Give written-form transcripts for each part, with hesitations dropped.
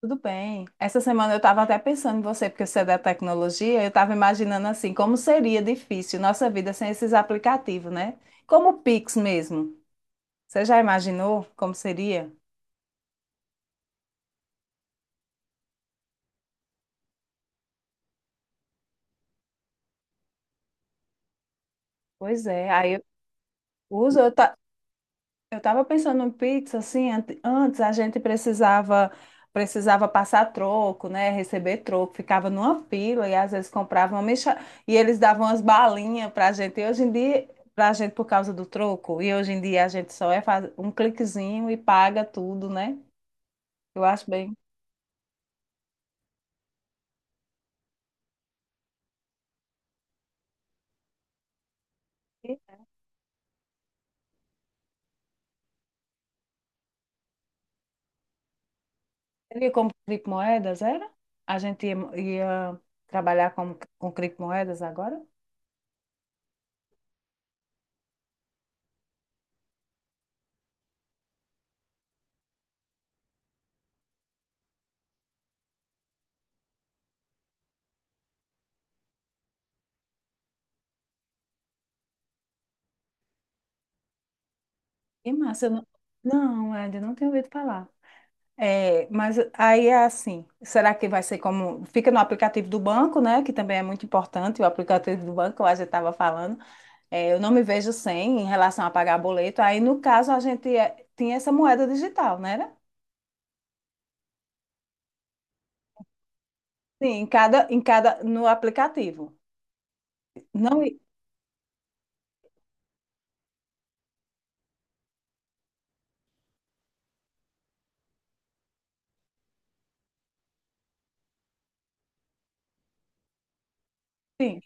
Tudo bem. Essa semana eu estava até pensando em você, porque você é da tecnologia, eu estava imaginando assim, como seria difícil nossa vida sem esses aplicativos, né? Como o Pix mesmo. Você já imaginou como seria? Pois é, aí eu uso, eu estava pensando em pizza, assim, antes a gente precisava passar troco, né, receber troco, ficava numa fila e às vezes comprava uma mexa... e eles davam umas balinhas para a gente. E hoje em dia, para a gente por causa do troco, e hoje em dia a gente só é faz um cliquezinho e paga tudo, né? Eu acho bem. Seria como criptomoedas, era? A gente ia trabalhar com criptomoedas agora? Que massa, eu não, não, ainda não tenho ouvido falar. É, mas aí é assim, será que vai ser como, fica no aplicativo do banco, né, que também é muito importante, o aplicativo do banco, a gente estava falando. É, eu não me vejo sem em relação a pagar boleto. Aí, no caso, a gente tinha essa moeda digital, né? Sim, em cada, no aplicativo. Não, sim,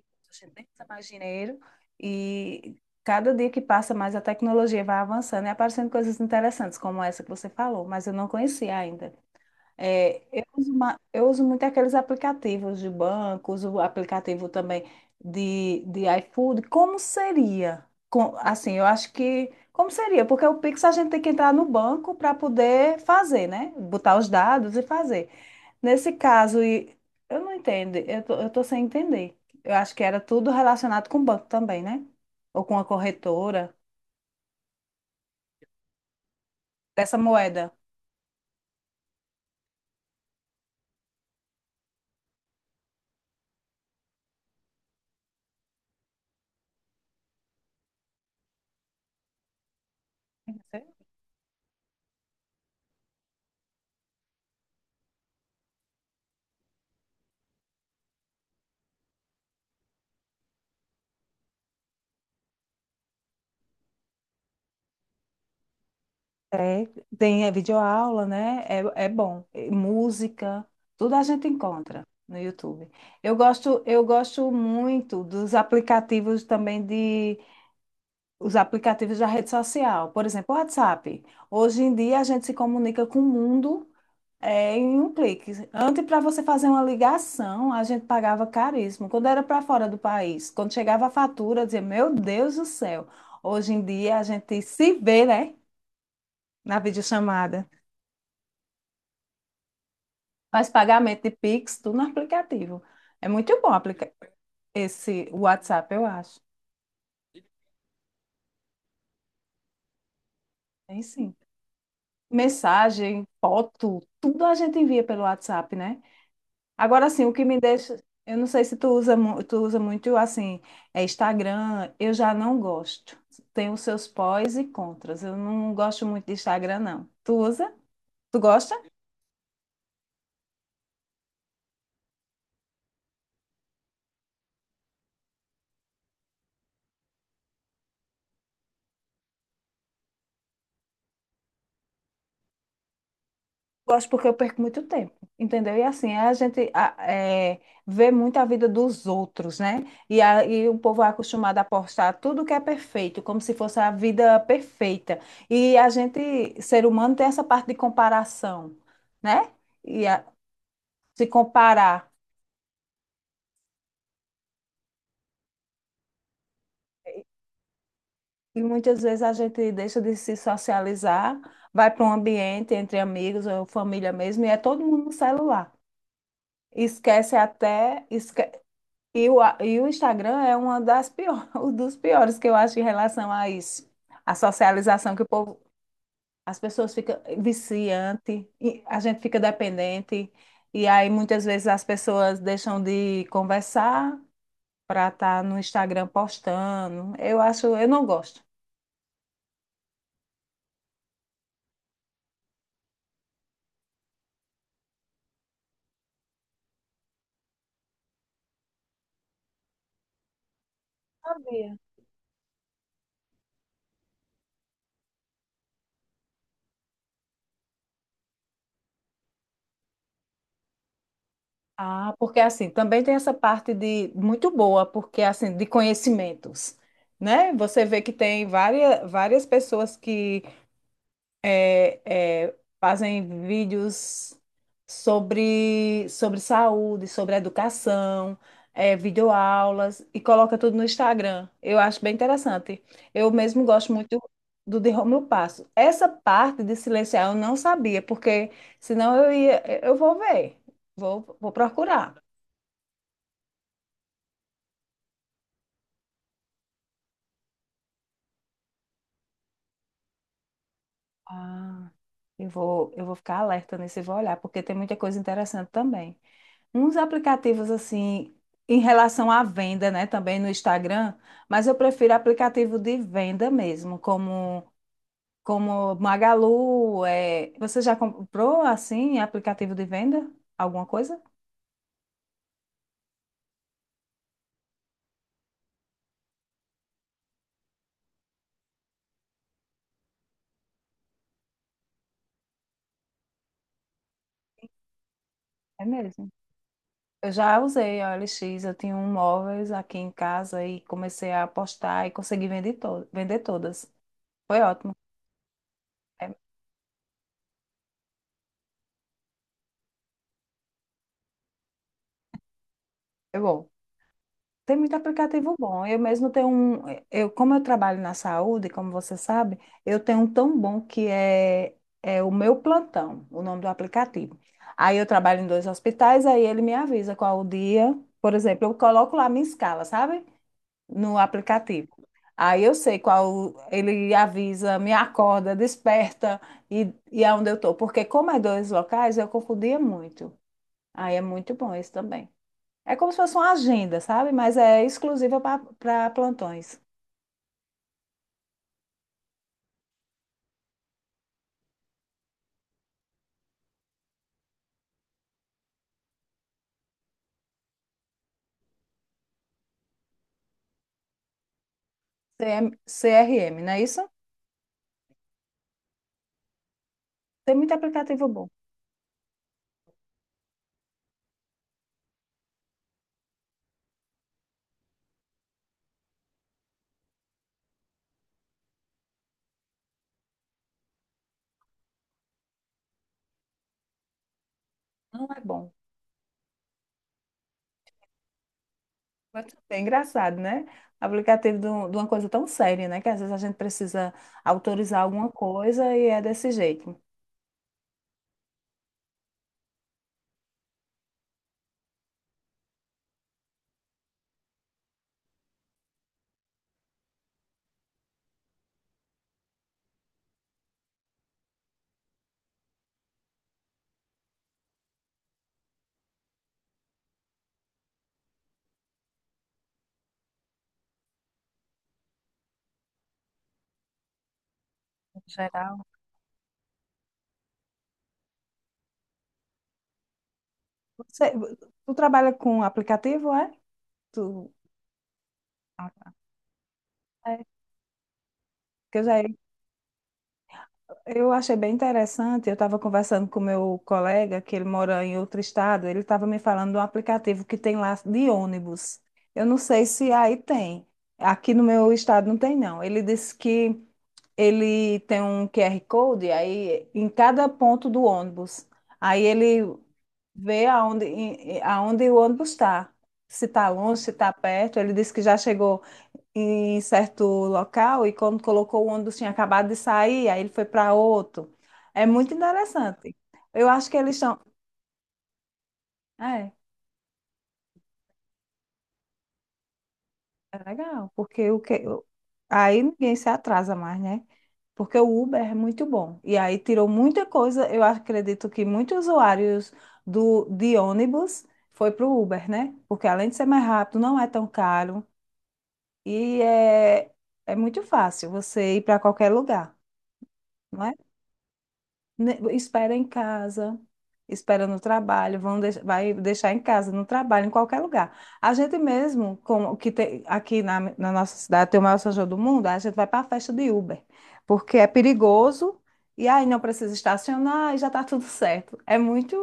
a gente nem precisa mais dinheiro e cada dia que passa mais a tecnologia vai avançando e aparecendo coisas interessantes como essa que você falou, mas eu não conhecia ainda. É, eu uso muito aqueles aplicativos de banco, uso o aplicativo também de iFood. Como seria? Assim, eu acho que. Como seria? Porque o Pix a gente tem que entrar no banco para poder fazer, né? Botar os dados e fazer. Nesse caso, eu não entendo, eu tô sem entender. Eu acho que era tudo relacionado com o banco também, né? Ou com a corretora dessa moeda. É, tem videoaula, né? É, é bom. E música, tudo a gente encontra no YouTube. Eu gosto muito dos aplicativos também de os aplicativos da rede social, por exemplo, o WhatsApp. Hoje em dia a gente se comunica com o mundo em um clique. Antes, para você fazer uma ligação, a gente pagava caríssimo. Quando era para fora do país, quando chegava a fatura, eu dizia, meu Deus do céu. Hoje em dia a gente se vê, né? Na videochamada. Faz pagamento de Pix, tudo no aplicativo. É muito bom aplica esse WhatsApp, eu acho. Tem sim. Mensagem, foto, tudo a gente envia pelo WhatsApp, né? Agora sim, o que me deixa. Eu não sei se tu usa, tu usa muito assim, Instagram, eu já não gosto. Tem os seus pós e contras. Eu não gosto muito de Instagram, não. Tu usa? Tu gosta? Gosto porque eu perco muito tempo, entendeu? E assim, a gente vê muito a vida dos outros, né? E o povo é acostumado a postar tudo que é perfeito, como se fosse a vida perfeita. E a gente, ser humano, tem essa parte de comparação, né? E a- Se comparar. E muitas vezes a gente deixa de se socializar, vai para um ambiente entre amigos ou família mesmo, e é todo mundo no celular. Esquece até, esque E o, a- e o Instagram é uma das pior, um dos piores que eu acho em relação a isso. A socialização que o povo, as pessoas ficam viciante, e a gente fica dependente, e aí muitas vezes as pessoas deixam de conversar para estar no Instagram postando. Eu acho, eu não gosto. Sabia. Ah, porque assim, também tem essa parte de muito boa, porque assim, de conhecimentos, né? Você vê que tem várias, várias pessoas que fazem vídeos sobre saúde, sobre educação, videoaulas e coloca tudo no Instagram. Eu acho bem interessante. Eu mesmo gosto muito do de Rômulo Passo. Essa parte de silenciar eu não sabia, porque senão eu ia, eu vou ver, vou procurar. Ah, eu vou ficar alerta nisso e vou olhar, porque tem muita coisa interessante também. Uns aplicativos assim, em relação à venda, né, também no Instagram, mas eu prefiro aplicativo de venda mesmo, como Magalu, você já comprou assim aplicativo de venda? Alguma coisa? É mesmo. Eu já usei a OLX, eu tinha um móveis aqui em casa e comecei a apostar e consegui vender, to vender todas. Foi ótimo. É, é bom. Tem muito aplicativo bom. Eu mesmo tenho um. Eu, como eu trabalho na saúde, como você sabe, eu tenho um tão bom que é o meu plantão, o nome do aplicativo. Aí eu trabalho em dois hospitais, aí ele me avisa qual o dia. Por exemplo, eu coloco lá minha escala, sabe? No aplicativo. Aí eu sei qual. Ele avisa, me acorda, desperta e aonde eu tô. Porque como é dois locais, eu confundia muito. Aí é muito bom esse também. É como se fosse uma agenda, sabe? Mas é exclusiva para plantões. CM CRM, não é isso? Tem muito aplicativo bom. Não é bom. Mas é engraçado, né? Aplicativo de uma coisa tão séria, né? Que às vezes a gente precisa autorizar alguma coisa e é desse jeito. Em geral. Você, tu trabalha com aplicativo, é? Tu, ah, é, que eu já Eu achei bem interessante. Eu estava conversando com meu colega, que ele mora em outro estado. Ele estava me falando de um aplicativo que tem lá de ônibus. Eu não sei se aí tem. Aqui no meu estado não tem, não. Ele disse que ele tem um QR Code aí em cada ponto do ônibus. Aí ele vê aonde, aonde o ônibus está. Se está longe, se está perto. Ele disse que já chegou em certo local e quando colocou o ônibus tinha acabado de sair, aí ele foi para outro. É muito interessante. Eu acho que eles estão. É, é legal, porque o que... Aí ninguém se atrasa mais, né? Porque o Uber é muito bom. E aí tirou muita coisa. Eu acredito que muitos usuários de ônibus foi para o Uber, né? Porque além de ser mais rápido, não é tão caro e é muito fácil você ir para qualquer lugar. Espera em casa, espera no trabalho, vai deixar em casa, no trabalho, em qualquer lugar. A gente mesmo, como o que tem, aqui na nossa cidade tem o maior São João do mundo, a gente vai para a festa de Uber, porque é perigoso e aí não precisa estacionar e já está tudo certo. É muito.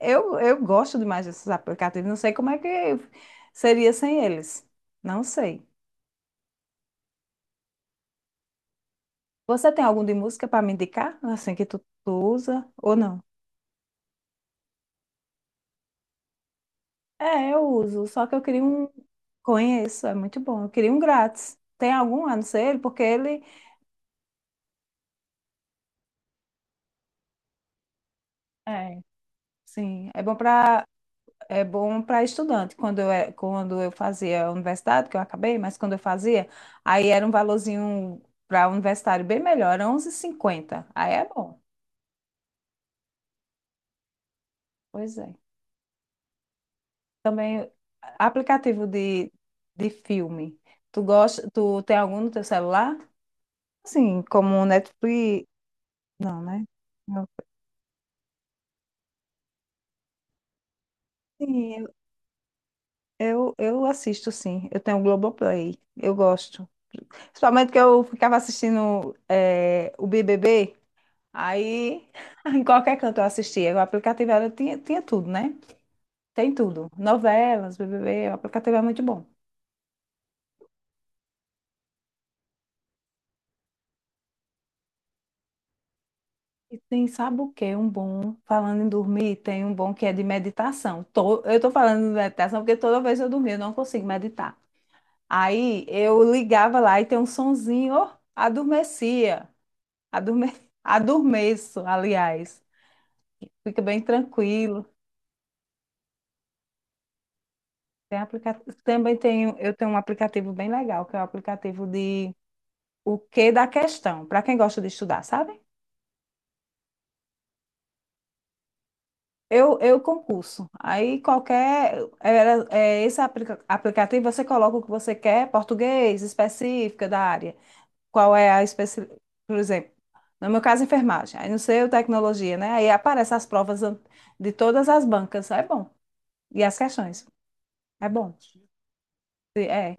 Eu gosto demais desses aplicativos, não sei como é que seria sem eles. Não sei. Você tem algum de música para me indicar? Assim que tu usa ou não? É, eu uso, só que eu queria um. Conheço, é muito bom. Eu queria um grátis. Tem algum, a não ser ele, porque ele. É, sim, é bom para estudante. Quando eu fazia a universidade, que eu acabei, mas quando eu fazia, aí era um valorzinho para universitário bem melhor, era 11,50. Aí é bom. Pois é. Também aplicativo de filme. Tu gosta, tu tem algum no teu celular? Sim, como Netflix. Não, né? Não. Sim, eu assisto, sim. Eu tenho o Globoplay. Eu gosto. Principalmente que eu ficava assistindo o BBB, aí em qualquer canto eu assistia. O aplicativo era, tinha tudo, né? Tem tudo. Novelas, BBB, o aplicativo é muito bom. E tem, sabe o quê? Um bom, falando em dormir, tem um bom que é de meditação. Eu tô falando de meditação porque toda vez eu dormia, eu não consigo meditar. Aí eu ligava lá e tem um sonzinho, ó, adormecia. Adorme... Adormeço, aliás. Fica bem tranquilo. Tem aplica... Também tenho um aplicativo bem legal, que é o aplicativo de O Que da Questão, para quem gosta de estudar, sabe? Eu concurso. Aí qualquer. É esse aplicativo você coloca o que você quer, português, específica da área. Qual é a especi... Por exemplo, no meu caso, enfermagem. Aí não sei o tecnologia, né? Aí aparecem as provas de todas as bancas. É bom. E as questões. É bom. É,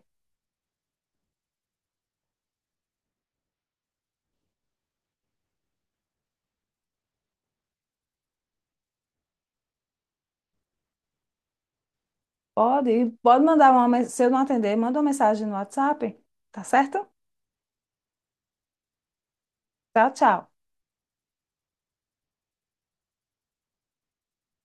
pode mandar se eu não atender, manda uma mensagem no WhatsApp, tá certo? Tchau, tchau.